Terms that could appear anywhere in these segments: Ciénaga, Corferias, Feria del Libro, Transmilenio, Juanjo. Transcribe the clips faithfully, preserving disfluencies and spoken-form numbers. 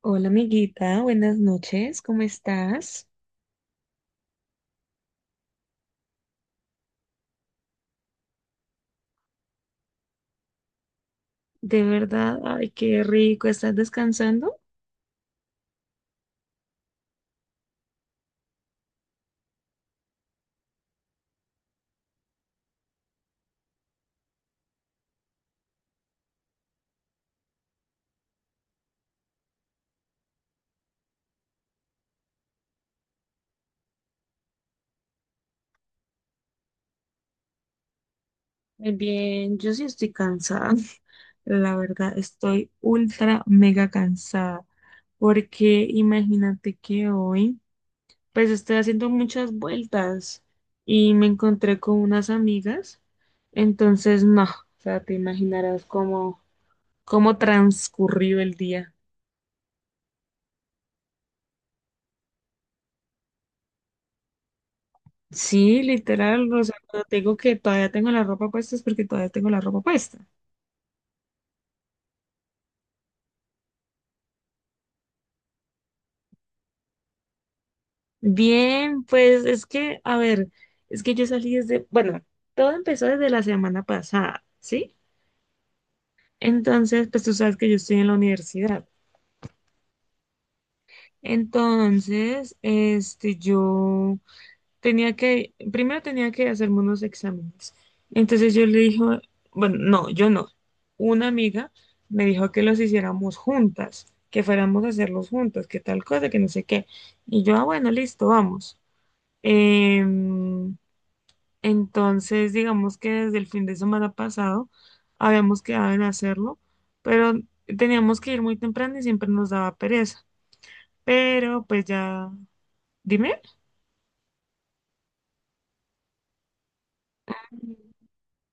Hola amiguita, buenas noches, ¿cómo estás? De verdad, ay, qué rico, ¿estás descansando? Muy bien, yo sí estoy cansada, la verdad estoy ultra mega cansada, porque imagínate que hoy pues estoy haciendo muchas vueltas y me encontré con unas amigas, entonces no, o sea, te imaginarás cómo, cómo transcurrió el día. Sí, literal, o sea, cuando tengo que todavía tengo la ropa puesta es porque todavía tengo la ropa puesta. Bien, pues es que, a ver, es que yo salí desde, bueno, todo empezó desde la semana pasada, ¿sí? Entonces, pues tú sabes que yo estoy en la universidad. Entonces, este, yo tenía que, primero tenía que hacerme unos exámenes. Entonces yo le dijo, bueno, no, yo no. Una amiga me dijo que los hiciéramos juntas, que fuéramos a hacerlos juntas, que tal cosa, que no sé qué. Y yo, ah, bueno, listo, vamos. Em, entonces, digamos que desde el fin de semana pasado habíamos quedado en hacerlo, pero teníamos que ir muy temprano y siempre nos daba pereza. Pero pues ya, dime.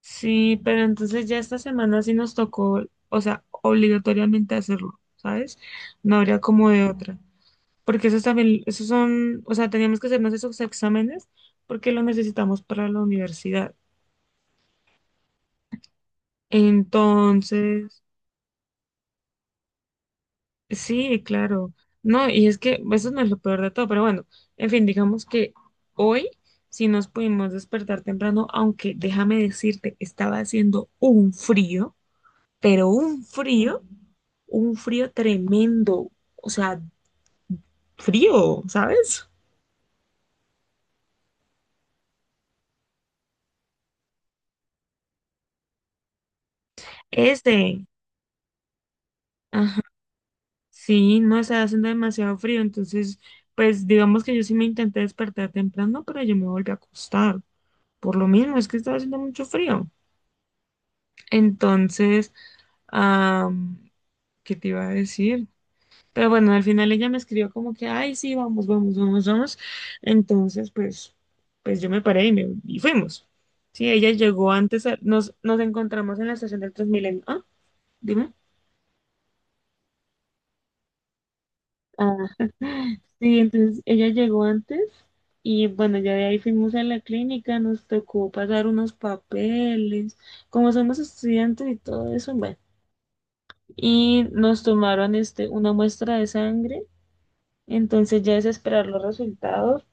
Sí, pero entonces ya esta semana sí nos tocó, o sea, obligatoriamente hacerlo, ¿sabes? No habría como de otra. Porque esos también, esos son, o sea, teníamos que hacernos esos exámenes porque lo necesitamos para la universidad. Entonces, sí, claro. No, y es que eso no es lo peor de todo, pero bueno, en fin, digamos que hoy sí nos pudimos despertar temprano, aunque déjame decirte, estaba haciendo un frío, pero un frío, un frío tremendo, o sea, frío, ¿sabes? Este, ajá, sí, no está haciendo demasiado frío, entonces, pues digamos que yo sí me intenté despertar temprano, pero yo me volví a acostar, por lo mismo, es que estaba haciendo mucho frío. Entonces, am, ¿qué te iba a decir? Pero bueno, al final ella me escribió como que, ay, sí, vamos, vamos, vamos, vamos. Entonces, pues, pues yo me paré y, me, y fuimos. Sí, ella llegó antes, a- nos, nos encontramos en la estación del Transmilenio. Ah, dime. Ah, sí, entonces ella llegó antes y bueno, ya de ahí fuimos a la clínica, nos tocó pasar unos papeles, como somos estudiantes y todo eso, bueno, y nos tomaron este, una muestra de sangre, entonces ya es esperar los resultados.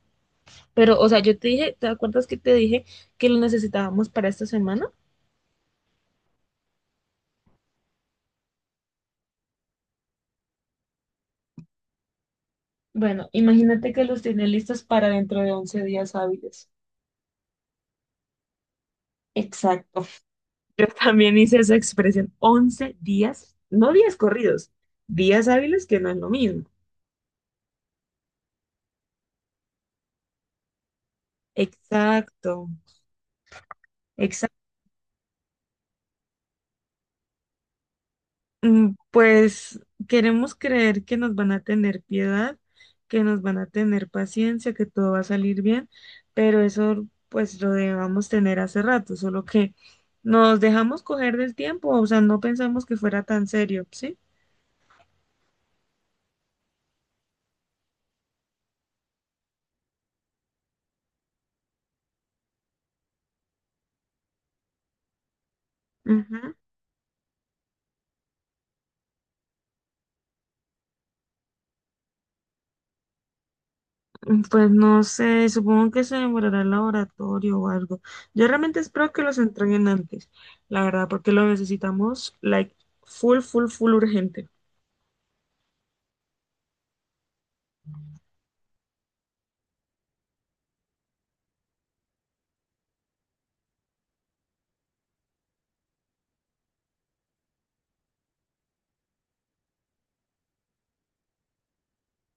Pero, o sea, yo te dije, ¿te acuerdas que te dije que los necesitábamos para esta semana? Bueno, imagínate que los tiene listos para dentro de once días hábiles. Exacto. Yo también hice esa expresión. Once días, no días corridos, días hábiles que no es lo mismo. Exacto. Mm, pues queremos creer que nos van a tener piedad, que nos van a tener paciencia, que todo va a salir bien, pero eso pues lo debamos tener hace rato, solo que nos dejamos coger del tiempo, o sea, no pensamos que fuera tan serio, ¿sí? Ujú. Mm, pues no sé, supongo que se demorará el laboratorio o algo. Yo realmente espero que los entreguen antes, la verdad, porque lo necesitamos, like, full, full, full urgente.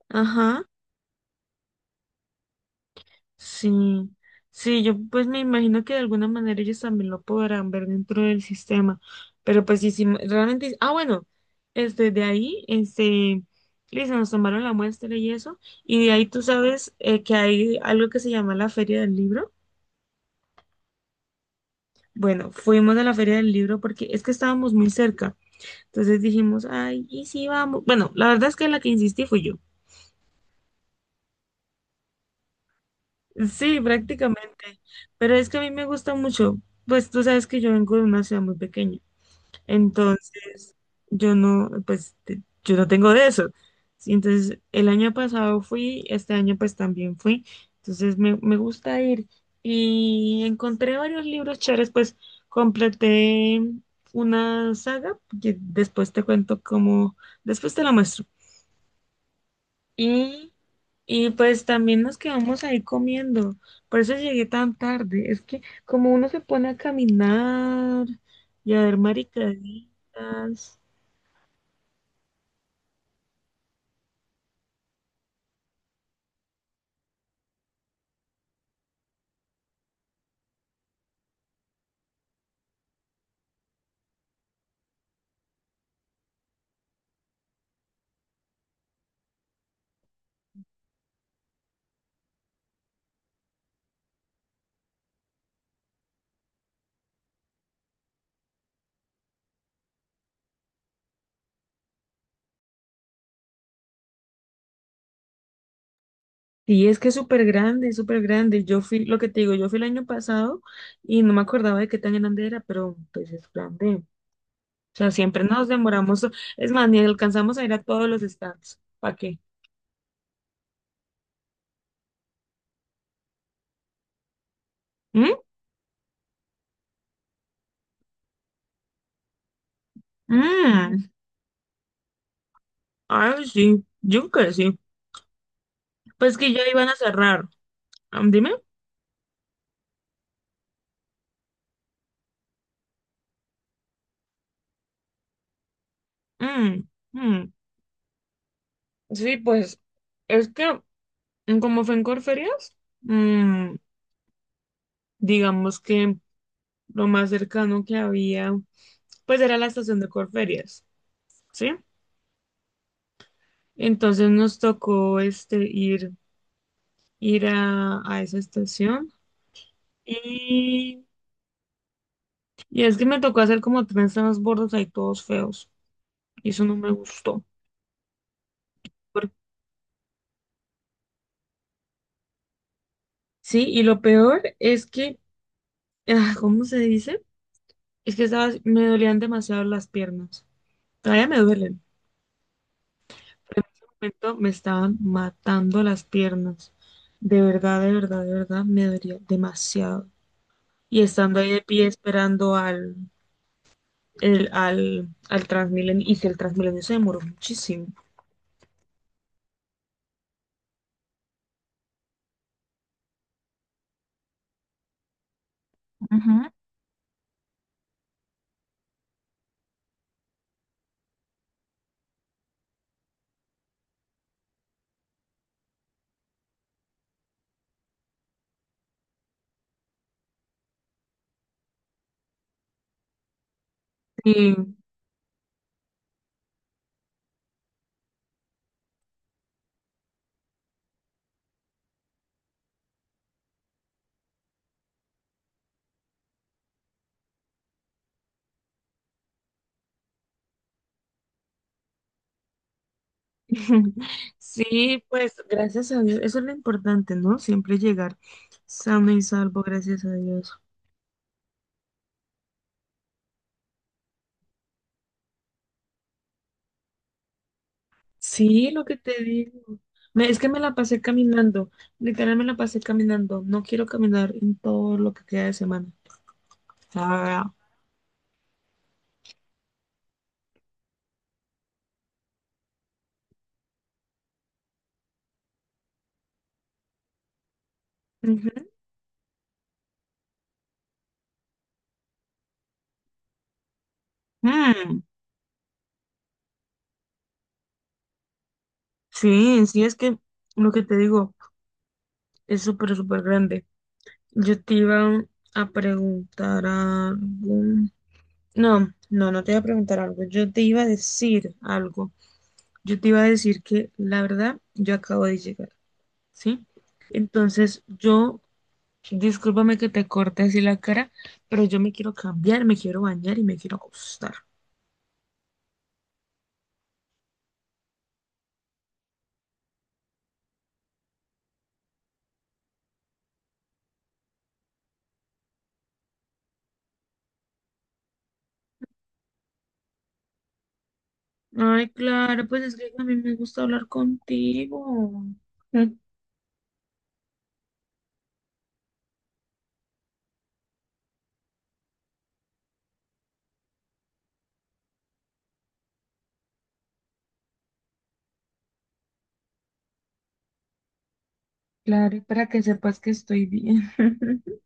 Ajá. Sí, sí, yo pues me imagino que de alguna manera ellos también lo podrán ver dentro del sistema, pero pues sí, sí, realmente, ah, bueno, este, de ahí, este, listo, nos tomaron la muestra y eso, y de ahí tú sabes eh, que hay algo que se llama la Feria del Libro. Bueno, fuimos a la Feria del Libro porque es que estábamos muy cerca, entonces dijimos, ay, y sí, vamos. Bueno, la verdad es que la que insistí fui yo. Sí, prácticamente, pero es que a mí me gusta mucho, pues tú sabes que yo vengo de una ciudad muy pequeña. Entonces, yo no, pues, te- yo no tengo de eso. Sí, entonces, el año pasado fui, este año pues también fui. Entonces, me, me gusta ir. Y encontré varios libros chéveres, pues, completé una saga, que después te cuento cómo, después te la muestro. Y, y pues también nos quedamos ahí comiendo. Por eso llegué tan tarde. Es que como uno se pone a caminar y a ver maricaditas. Y es que es súper grande, es súper grande. Yo fui, lo que te digo, yo fui el año pasado y no me acordaba de qué tan grande era, pero pues es grande. O sea, siempre nos demoramos. Es más, ni alcanzamos a ir a todos los stands. ¿Para qué? ¿Mm? Mm. Ay, sí, yo creo que sí. Pues que ya iban a cerrar. Am, Dime. Mm, mm. Sí, pues es que mm, como fue en Corferias, mm, digamos que lo más cercano que había, pues era la estación de Corferias. ¿Sí? Entonces nos tocó este, ir, ir a, a esa estación y, y es que me tocó hacer como tres transbordos ahí todos feos y eso no me gustó. Por- Sí, y lo peor es que, ah, ¿cómo se dice? Es que estaba, me dolían demasiado las piernas. Todavía me duelen. En este momento me estaban matando las piernas. De verdad, de verdad, de verdad, me dolía demasiado. Y estando ahí de pie esperando al, el, al, al Transmilenio, y si el Transmilenio se demoró muchísimo. Ujú. Sí. Sí, pues gracias a Dios, eso es lo importante, ¿no? Siempre llegar sano y salvo, gracias a Dios. Sí, lo que te digo. Me- es que me la pasé caminando, literal me la pasé caminando. No quiero caminar en todo lo que queda de semana. Ah, ujú. Mm, sí, sí, es que lo que te digo es súper, súper grande. Yo te iba a preguntar algo. No, no, no te iba a preguntar algo. Yo te iba a decir algo. Yo te iba a decir que la verdad, yo acabo de llegar, ¿sí? Entonces, yo, discúlpame que te corte así la cara, pero yo me quiero cambiar, me quiero bañar y me quiero acostar. Ay, claro, pues es que a mí me gusta hablar contigo. Mm. Claro, y para que sepas que estoy bien.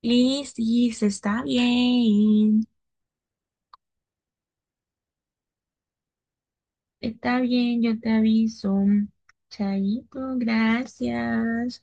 Y sí, se está bien. Está bien, yo te aviso. Chaito, gracias.